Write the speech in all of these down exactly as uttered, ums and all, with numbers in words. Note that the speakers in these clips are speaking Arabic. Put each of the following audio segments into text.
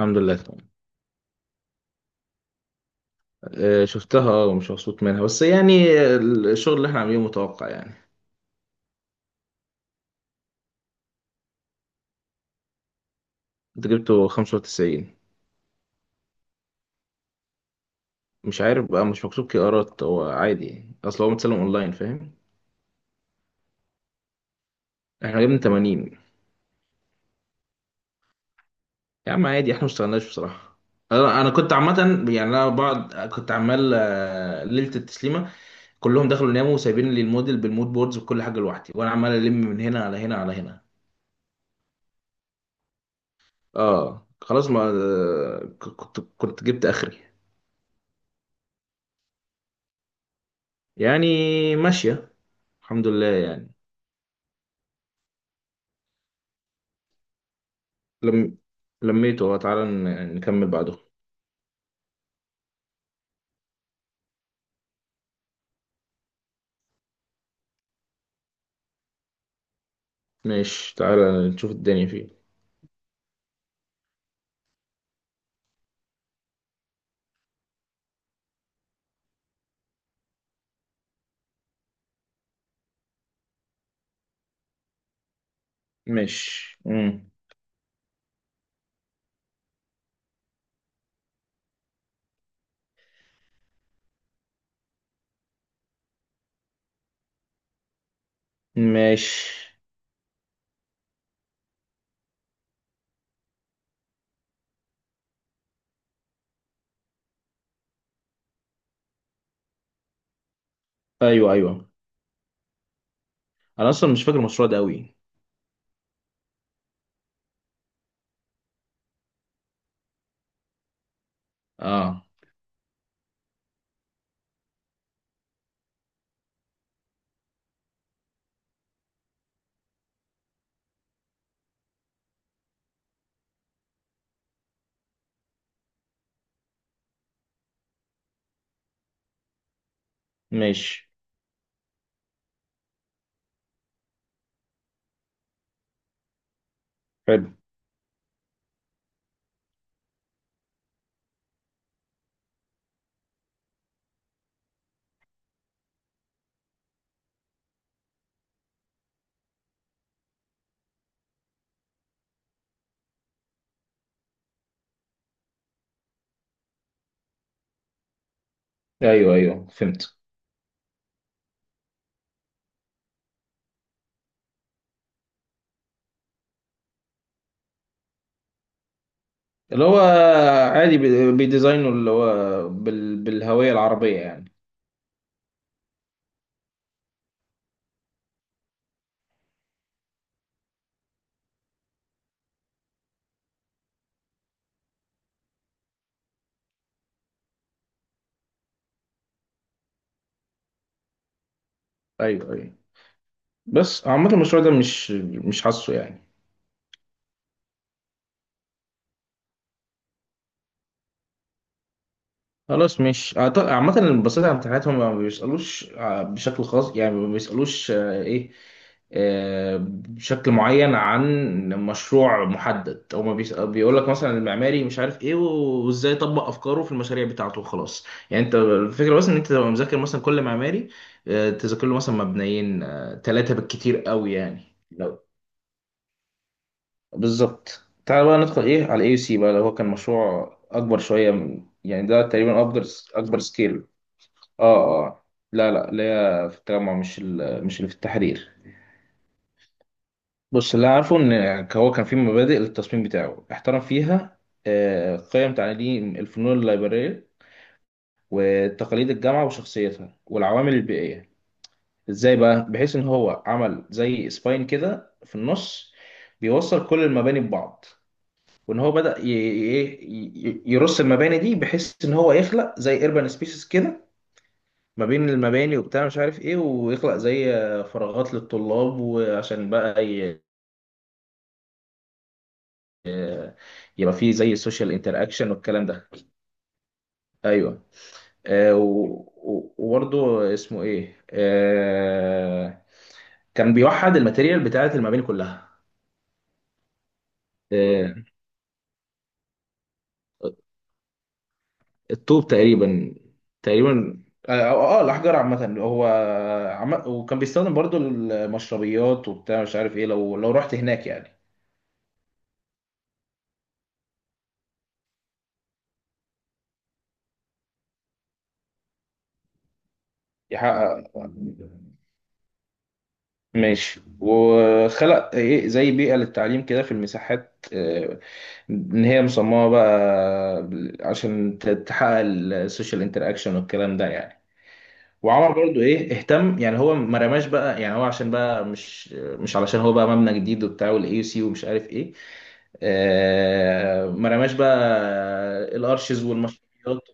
الحمد لله، تمام. آه، شفتها، اه، ومش مبسوط منها بس يعني الشغل اللي احنا عاملينه متوقع يعني. انت جبته خمسة وتسعين؟ مش عارف بقى، مش مكتوب كي ارات، هو عادي يعني، اصل هو متسلم اونلاين، فاهم. احنا جبنا تمانين. يا عم عادي، احنا ما اشتغلناش بصراحة. انا انا كنت عامة. يعني انا بعد كنت عمال، آه، ليلة التسليمة كلهم دخلوا ناموا وسايبين لي الموديل بالمود بوردز وكل حاجة لوحدي، وانا عمال الم من هنا على هنا على هنا. اه خلاص، ما آه، ك- كنت كنت جبت اخري. يعني ماشية، الحمد لله يعني. لم لميته. هو تعالى ن- نكمل بعده. ماشي، تعالى نشوف الدنيا فيه. ماشي. مم. ماشي. ايوه، ايوه. انا اصلا مش فاكر المشروع ده قوي. اه ماشي، حلو. ايوه، ايوه، فهمت. اللي هو عادي بي- بيديزاينه، اللي هو بال... بالهوية العربية يعني. ايوه، ايوه. بس عامة المشروع ده مش مش حاسه يعني. خلاص، مش. عامة اللي بصيت على امتحاناتهم ما بيسألوش آه، بشكل خاص يعني، ما بيسألوش آه، ايه، آه، بشكل معين عن مشروع محدد. هو ما بيس- بيقول لك مثلا المعماري مش عارف ايه وازاي يطبق افكاره في المشاريع بتاعته، خلاص. يعني انت الفكره بس ان انت تبقى مذاكر مثلا كل معماري، آه، تذاكر له مثلا مبنيين ثلاثه بالكتير قوي يعني. لو بالظبط. تعال بقى ندخل ايه على اي سي بقى، اللي هو كان مشروع اكبر شويه من، يعني ده تقريبا اكبر، اكبر سكيل. اه، اه. لا، لا، اللي هي في التجمع، مش ال- مش اللي في التحرير. بص، اللي أنا عارفه ان هو كان في مبادئ للتصميم بتاعه احترم فيها آه، قيم تعليم الفنون الليبرالية وتقاليد الجامعة وشخصيتها والعوامل البيئية. ازاي بقى؟ بحيث ان هو عمل زي سباين كده في النص بيوصل كل المباني ببعض، وان هو بدأ ي- ي- ي- يرص المباني دي بحيث ان هو يخلق زي ايربان سبيسيس كده ما بين المباني وبتاع مش عارف ايه، ويخلق زي آه، فراغات للطلاب، وعشان بقى ي- آه، يبقى فيه زي سوشيال انتراكشن والكلام ده. ايوه. آه و- و- وبرضه اسمه ايه؟ آه كان بيوحد الماتيريال بتاعت المباني كلها. آه، الطوب تقريبا. تقريبا. اه، آه، آه، الاحجار عامه هو. عم... وكان بيستخدم برضو المشربيات وبتاع مش عارف ايه، لو لو رحت هناك يعني. يحقق. ماشي، وخلق ايه زي بيئة للتعليم كده في المساحات، آه، ان هي مصممة بقى عشان ت- تحقق السوشيال انتراكشن والكلام ده يعني. وعمر برضو ايه، اهتم يعني، هو ما رماش بقى يعني، هو عشان بقى مش مش علشان هو بقى مبنى جديد وبتاع والاي يو سي ومش عارف ايه، آه، ما رماش بقى الارشز والمشروعات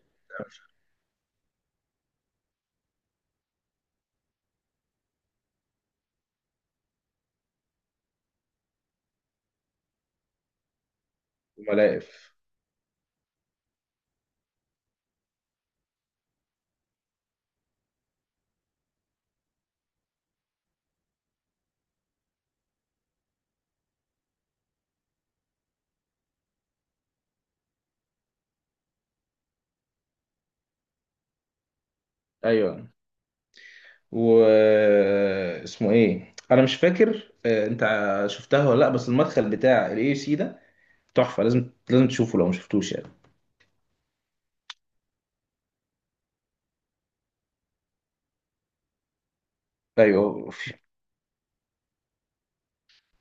والملاقف. ايوه. و اسمه ايه؟ انا مش فاكر. آه، انت شفتها ولا لا؟ بس المدخل بتاع الاي سي ده تحفه، لازم لازم تشوفه لو ما شفتوش يعني. ايوه، في.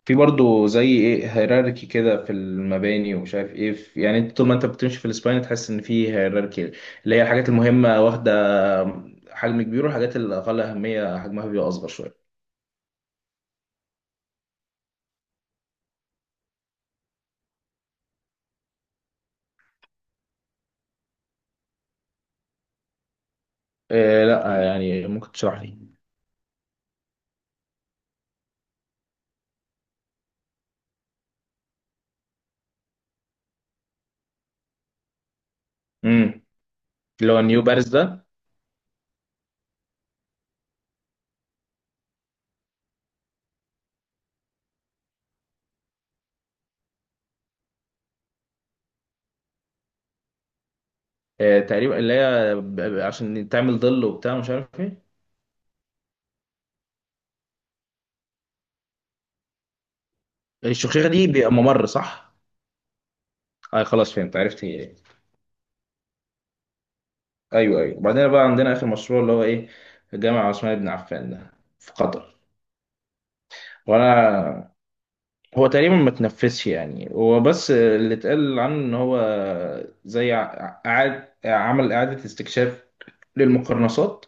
في برضه زي ايه، هيراركي كده في المباني، ومش عارف ايه، في يعني، انت طول ما انت بتمشي في الاسباين تحس ان في هيراركي، اللي هي الحاجات المهمه واخده حجم كبير، والحاجات الاقل اهميه حجمها بيبقى اصغر شويه. إيه؟ لا يعني، ممكن تشرح لي. امم. اللي هو نيو باريس ده. آه، تقريبا اللي هي ب- ب- عشان تعمل ظل وبتاع مش عارف ايه. الشخيرة دي بيبقى ممر، صح؟ اه، خلاص فهمت، عرفت هي ايه. ايوه، ايوه. وبعدين بقى عندنا اخر مشروع، اللي هو ايه، الجامعة عثمان بن عفان ده في قطر. وانا، هو تقريبا ما تنفذش يعني. هو بس اللي اتقال عنه ان هو زي ع- ع- عاد عمل اعادة استكشاف للمقرنصات،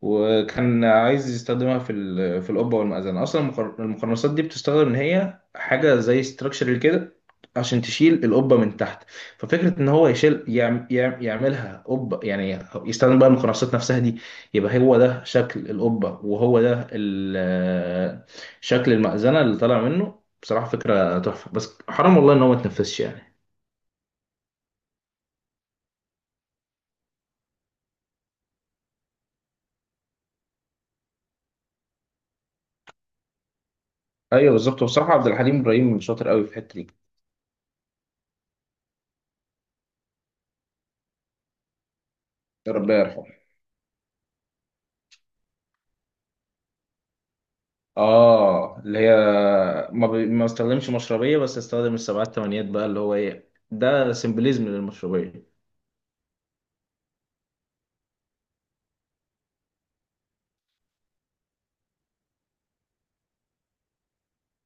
وكان عايز يستخدمها في ال- في القبه والمأذنه. اصلا المقر- المقرنصات دي بتستخدم ان هي حاجه زي ستراكشر كده عشان تشيل القبه من تحت. ففكره ان هو يشيل، يعم يعم يعملها قبه يعني، يستخدم بقى المقرنصات نفسها دي. يبقى هو ده شكل القبه، وهو ده ال- شكل المأذنه اللي طالع منه. بصراحه فكره تحفه، بس حرام والله ان هو ما اتنفذش يعني. ايوه بالظبط. وبصراحه عبد الحليم ابراهيم شاطر قوي في الحته دي. ربنا يرحمه. اه، اللي هي ما, بي... ما استخدمش مشربية، بس استخدم السبعات تمانيات بقى، اللي هو ايه، ده سيمبليزم للمشربية.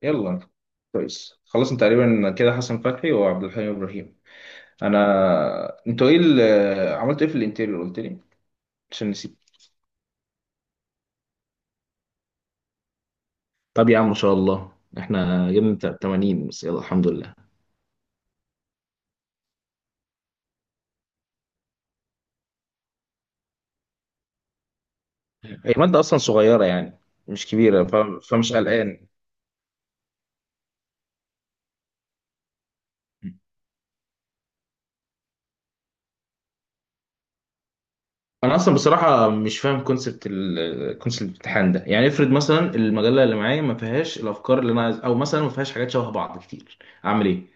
يلا، خلصنا تقريبا كده حسن فتحي وعبد الحليم ابراهيم. انا انتوا ايه اللي... عملتوا ايه في الانتيريور؟ قلت لي عشان نسيت. طب يا عم، ما شاء الله. احنا جبنا تا- تمانين بس، يلا الحمد لله. هي مادة اصلا صغيرة يعني، مش كبيرة ف... فمش قلقان. انا اصلا بصراحه مش فاهم كونسبت، الكونسبت الامتحان ده. يعني افرض مثلا المجله اللي معايا ما فيهاش الافكار اللي انا عايز، او مثلا ما فيهاش حاجات شبه بعض كتير، اعمل ايه؟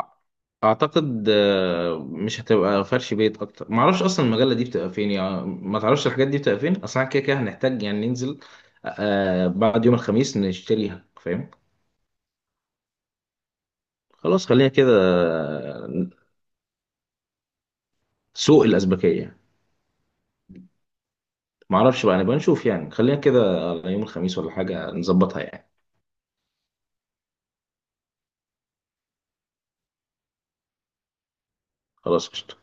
أ- اعتقد آه، مش هتبقى فرش بيت اكتر. ما اعرفش اصلا المجله دي بتبقى فين يعني، ما تعرفش الحاجات دي بتبقى فين اصلا، كده كده هنحتاج يعني ننزل آه، بعد يوم الخميس نشتريها، فاهم. خلاص، خلينا كده، آه، سوق الازبكيه. ما اعرفش بقى، نبقى نشوف يعني، خلينا كده على يوم الخميس ولا حاجه، نظبطها يعني. خلاص، قشطة.